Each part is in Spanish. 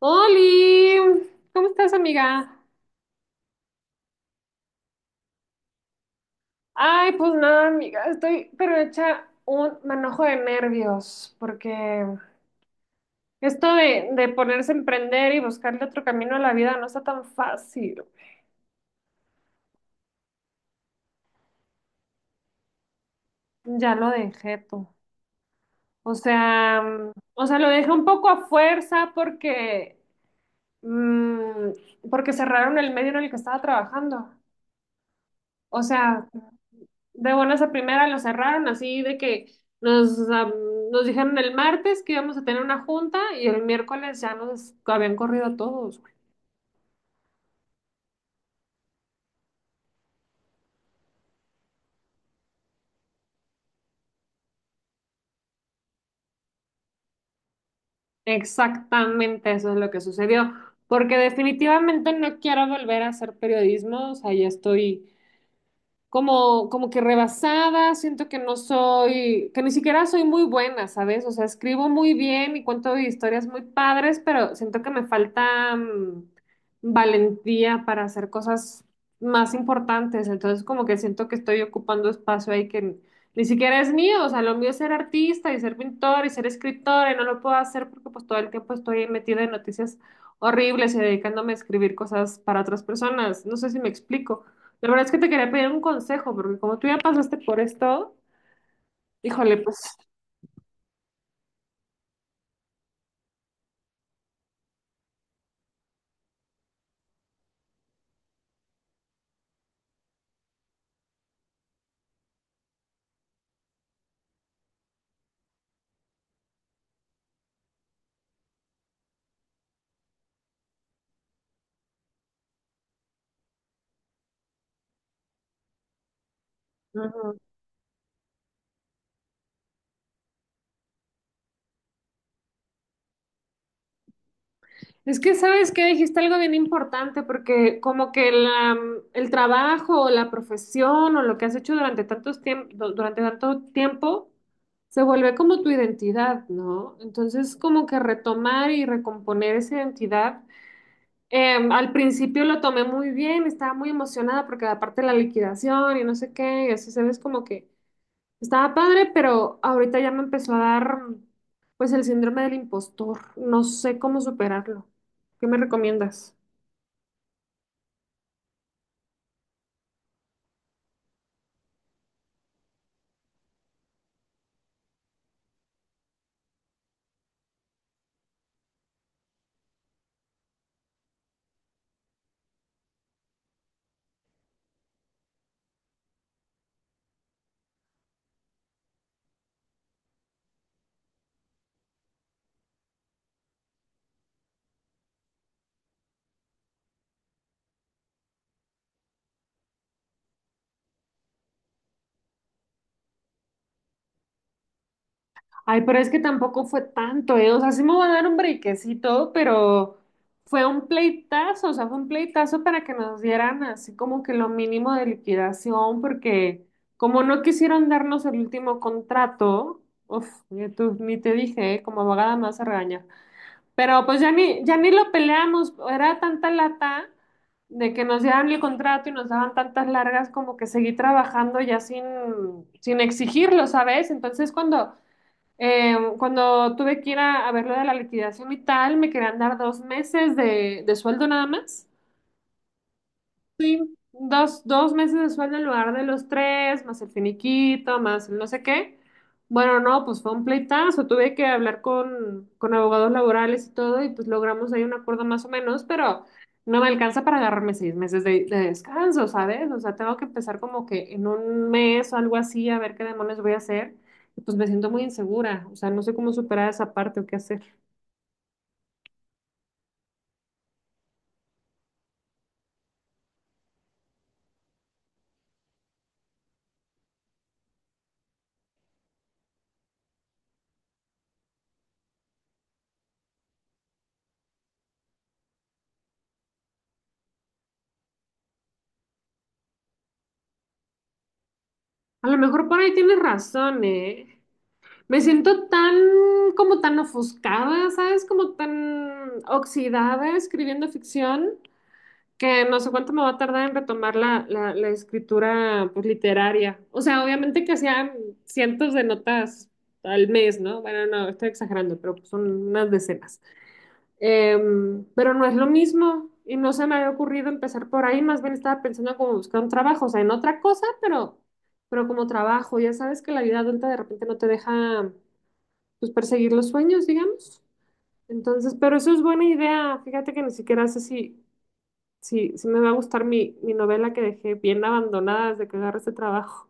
Oli, ¿cómo estás, amiga? Ay, pues nada, amiga, estoy pero hecha un manojo de nervios, porque esto de ponerse a emprender y buscarle otro camino a la vida no está tan fácil. Ya lo dejé tú. O sea, o sea, lo dejé un poco a fuerza porque cerraron el medio en el que estaba trabajando. O sea, de buenas a primera lo cerraron así de que nos, am, nos dijeron el martes que íbamos a tener una junta y el miércoles ya nos habían corrido a todos, güey. Exactamente eso es lo que sucedió, porque definitivamente no quiero volver a hacer periodismo, o sea, ya estoy como que rebasada, siento que no soy, que ni siquiera soy muy buena, ¿sabes? O sea, escribo muy bien y cuento historias muy padres, pero siento que me falta valentía para hacer cosas más importantes, entonces como que siento que estoy ocupando espacio ahí que ni siquiera es mío, o sea, lo mío es ser artista y ser pintor y ser escritora y no lo puedo hacer porque pues todo el tiempo estoy metida en noticias horribles y dedicándome a escribir cosas para otras personas, no sé si me explico. La verdad es que te quería pedir un consejo, porque como tú ya pasaste por esto, híjole, pues... Ujú. Es que sabes que dijiste algo bien importante, porque como que el trabajo o la profesión o lo que has hecho durante tanto tiempo se vuelve como tu identidad, ¿no? Entonces, como que retomar y recomponer esa identidad. Al principio lo tomé muy bien, estaba muy emocionada porque aparte la liquidación y no sé qué, y así sabes como que estaba padre, pero ahorita ya me empezó a dar pues el síndrome del impostor. No sé cómo superarlo. ¿Qué me recomiendas? Ay, pero es que tampoco fue tanto, ¿eh? O sea, sí me va a dar un brequecito, pero fue un pleitazo, o sea, fue un pleitazo para que nos dieran así como que lo mínimo de liquidación, porque como no quisieron darnos el último contrato, uf, ni te dije, ¿eh? Como abogada más a regañar. Pero pues ya ni lo peleamos, era tanta lata de que nos dieran el contrato y nos daban tantas largas como que seguí trabajando ya sin exigirlo, ¿sabes? Entonces cuando tuve que ir a ver lo de la liquidación y tal, me querían dar 2 meses de sueldo nada más. Dos meses de sueldo en lugar de los tres, más el finiquito, más el no sé qué. Bueno, no, pues fue un pleitazo. Tuve que hablar con abogados laborales y todo, y pues logramos ahí un acuerdo más o menos, pero no me alcanza para agarrarme 6 meses de descanso, ¿sabes? O sea, tengo que empezar como que en un mes o algo así a ver qué demonios voy a hacer. Y pues me siento muy insegura. O sea, no sé cómo superar esa parte o qué hacer. A lo mejor por ahí tienes razón, ¿eh? Me siento tan, como tan ofuscada, ¿sabes? Como tan oxidada escribiendo ficción que no sé cuánto me va a tardar en retomar la escritura pues, literaria. O sea, obviamente que hacían cientos de notas al mes, ¿no? Bueno, no, estoy exagerando, pero pues, son unas decenas. Pero no es lo mismo y no se me había ocurrido empezar por ahí, más bien estaba pensando como buscar un trabajo, o sea, en otra cosa, pero, como trabajo. Ya sabes que la vida adulta de repente no te deja pues perseguir los sueños, digamos. Entonces, pero eso es buena idea. Fíjate que ni siquiera sé si me va a gustar mi novela que dejé bien abandonada desde que agarré este trabajo.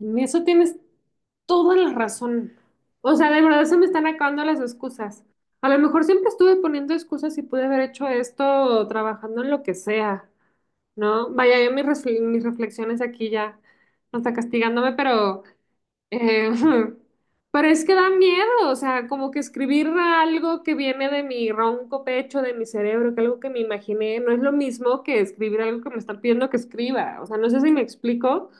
En eso tienes toda la razón. O sea, de verdad se me están acabando las excusas. A lo mejor siempre estuve poniendo excusas y pude haber hecho esto trabajando en lo que sea, ¿no? Vaya, yo mis reflexiones aquí ya, hasta castigándome, pero... Eh, pero es que da miedo, o sea, como que escribir algo que viene de mi ronco pecho, de mi cerebro, que algo que me imaginé, no es lo mismo que escribir algo que me están pidiendo que escriba. O sea, no sé si me explico,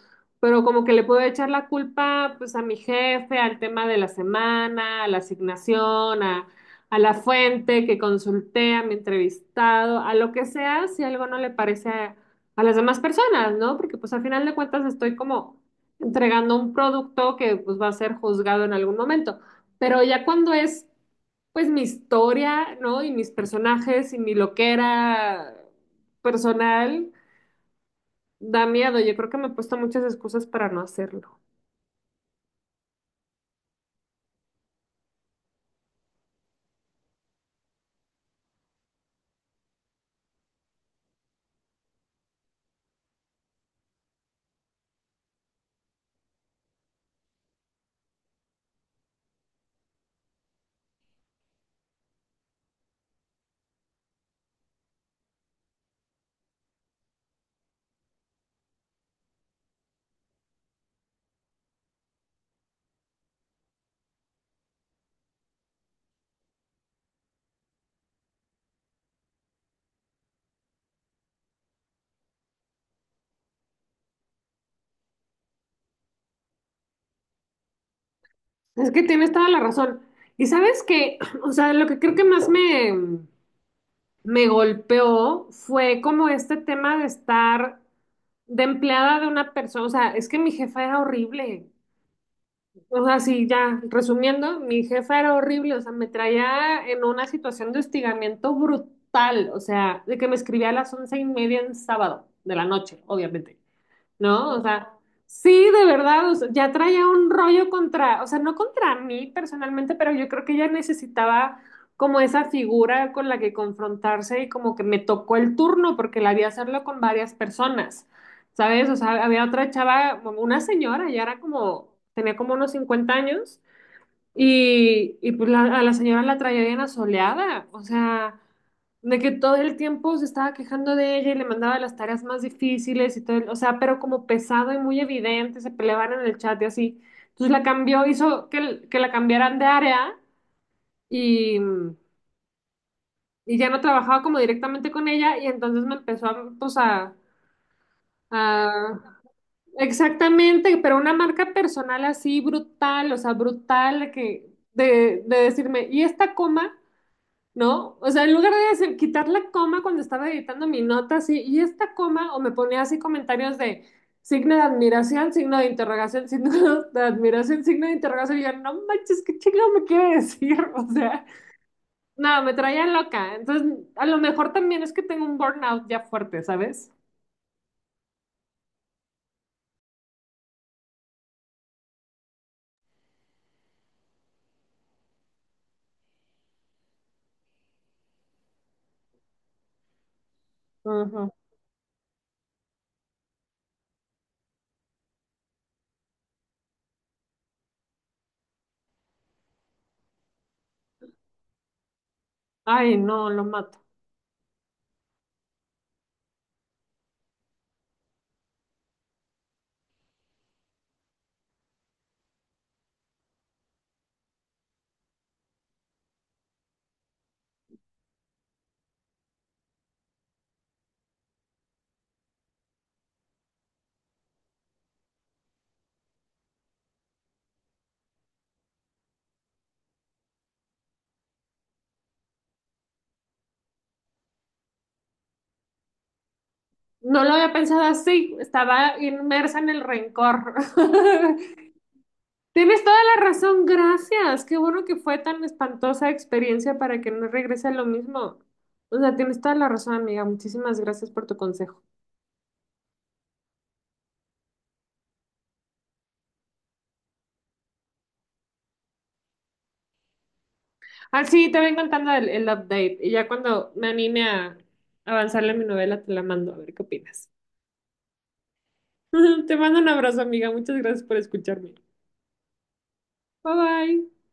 pero como que le puedo echar la culpa pues a mi jefe, al tema de la semana, a la asignación, a, la fuente que consulté, a mi entrevistado, a lo que sea, si algo no le parece a las demás personas, ¿no? Porque pues al final de cuentas estoy como entregando un producto que pues va a ser juzgado en algún momento. Pero ya cuando es pues mi historia, ¿no? Y mis personajes y mi loquera personal, da miedo. Yo creo que me he puesto muchas excusas para no hacerlo. Es que tienes toda la razón. Y sabes que, o sea, lo que creo que más me golpeó fue como este tema de estar de empleada de una persona. O sea, es que mi jefa era horrible. O sea, sí, ya, resumiendo, mi jefa era horrible, o sea, me traía en una situación de hostigamiento brutal, o sea, de que me escribía a las 11:30 en sábado de la noche, obviamente, ¿no? O sea, sí, de verdad, o sea, ya traía un rollo contra, o sea, no contra mí personalmente, pero yo creo que ella necesitaba como esa figura con la que confrontarse y como que me tocó el turno porque la vi hacerlo con varias personas, ¿sabes? O sea, había otra chava, una señora, ya era como, tenía como unos 50 años y pues a la señora la traía bien asoleada, o sea, de que todo el tiempo se estaba quejando de ella y le mandaba las tareas más difíciles y todo, o sea, pero como pesado y muy evidente, se peleaban en el chat y así. Entonces la cambió, hizo que, que la cambiaran de área y, y ya no trabajaba como directamente con ella y entonces me empezó a, pues a-. Exactamente, pero una marca personal así brutal, o sea, brutal, de decirme, ¿y esta coma? ¿No? O sea, en lugar de decir, quitar la coma cuando estaba editando mi nota, así, y esta coma, o me ponía así comentarios de signo de admiración, signo de interrogación, signo de admiración, signo de interrogación, y yo, no manches, ¿qué chingado me quiere decir? O sea, no, me traía loca. Entonces, a lo mejor también es que tengo un burnout ya fuerte, ¿sabes? Ujú. Ay, no, lo mato. No lo había pensado así, estaba inmersa en el rencor. Tienes toda la razón, gracias. Qué bueno que fue tan espantosa experiencia para que no regrese a lo mismo. O sea, tienes toda la razón, amiga. Muchísimas gracias por tu consejo. Ah, sí, te voy contando el update y ya cuando me anime a avanzarle en mi novela te la mando a ver qué opinas. Te mando un abrazo, amiga. Muchas gracias por escucharme. Bye bye.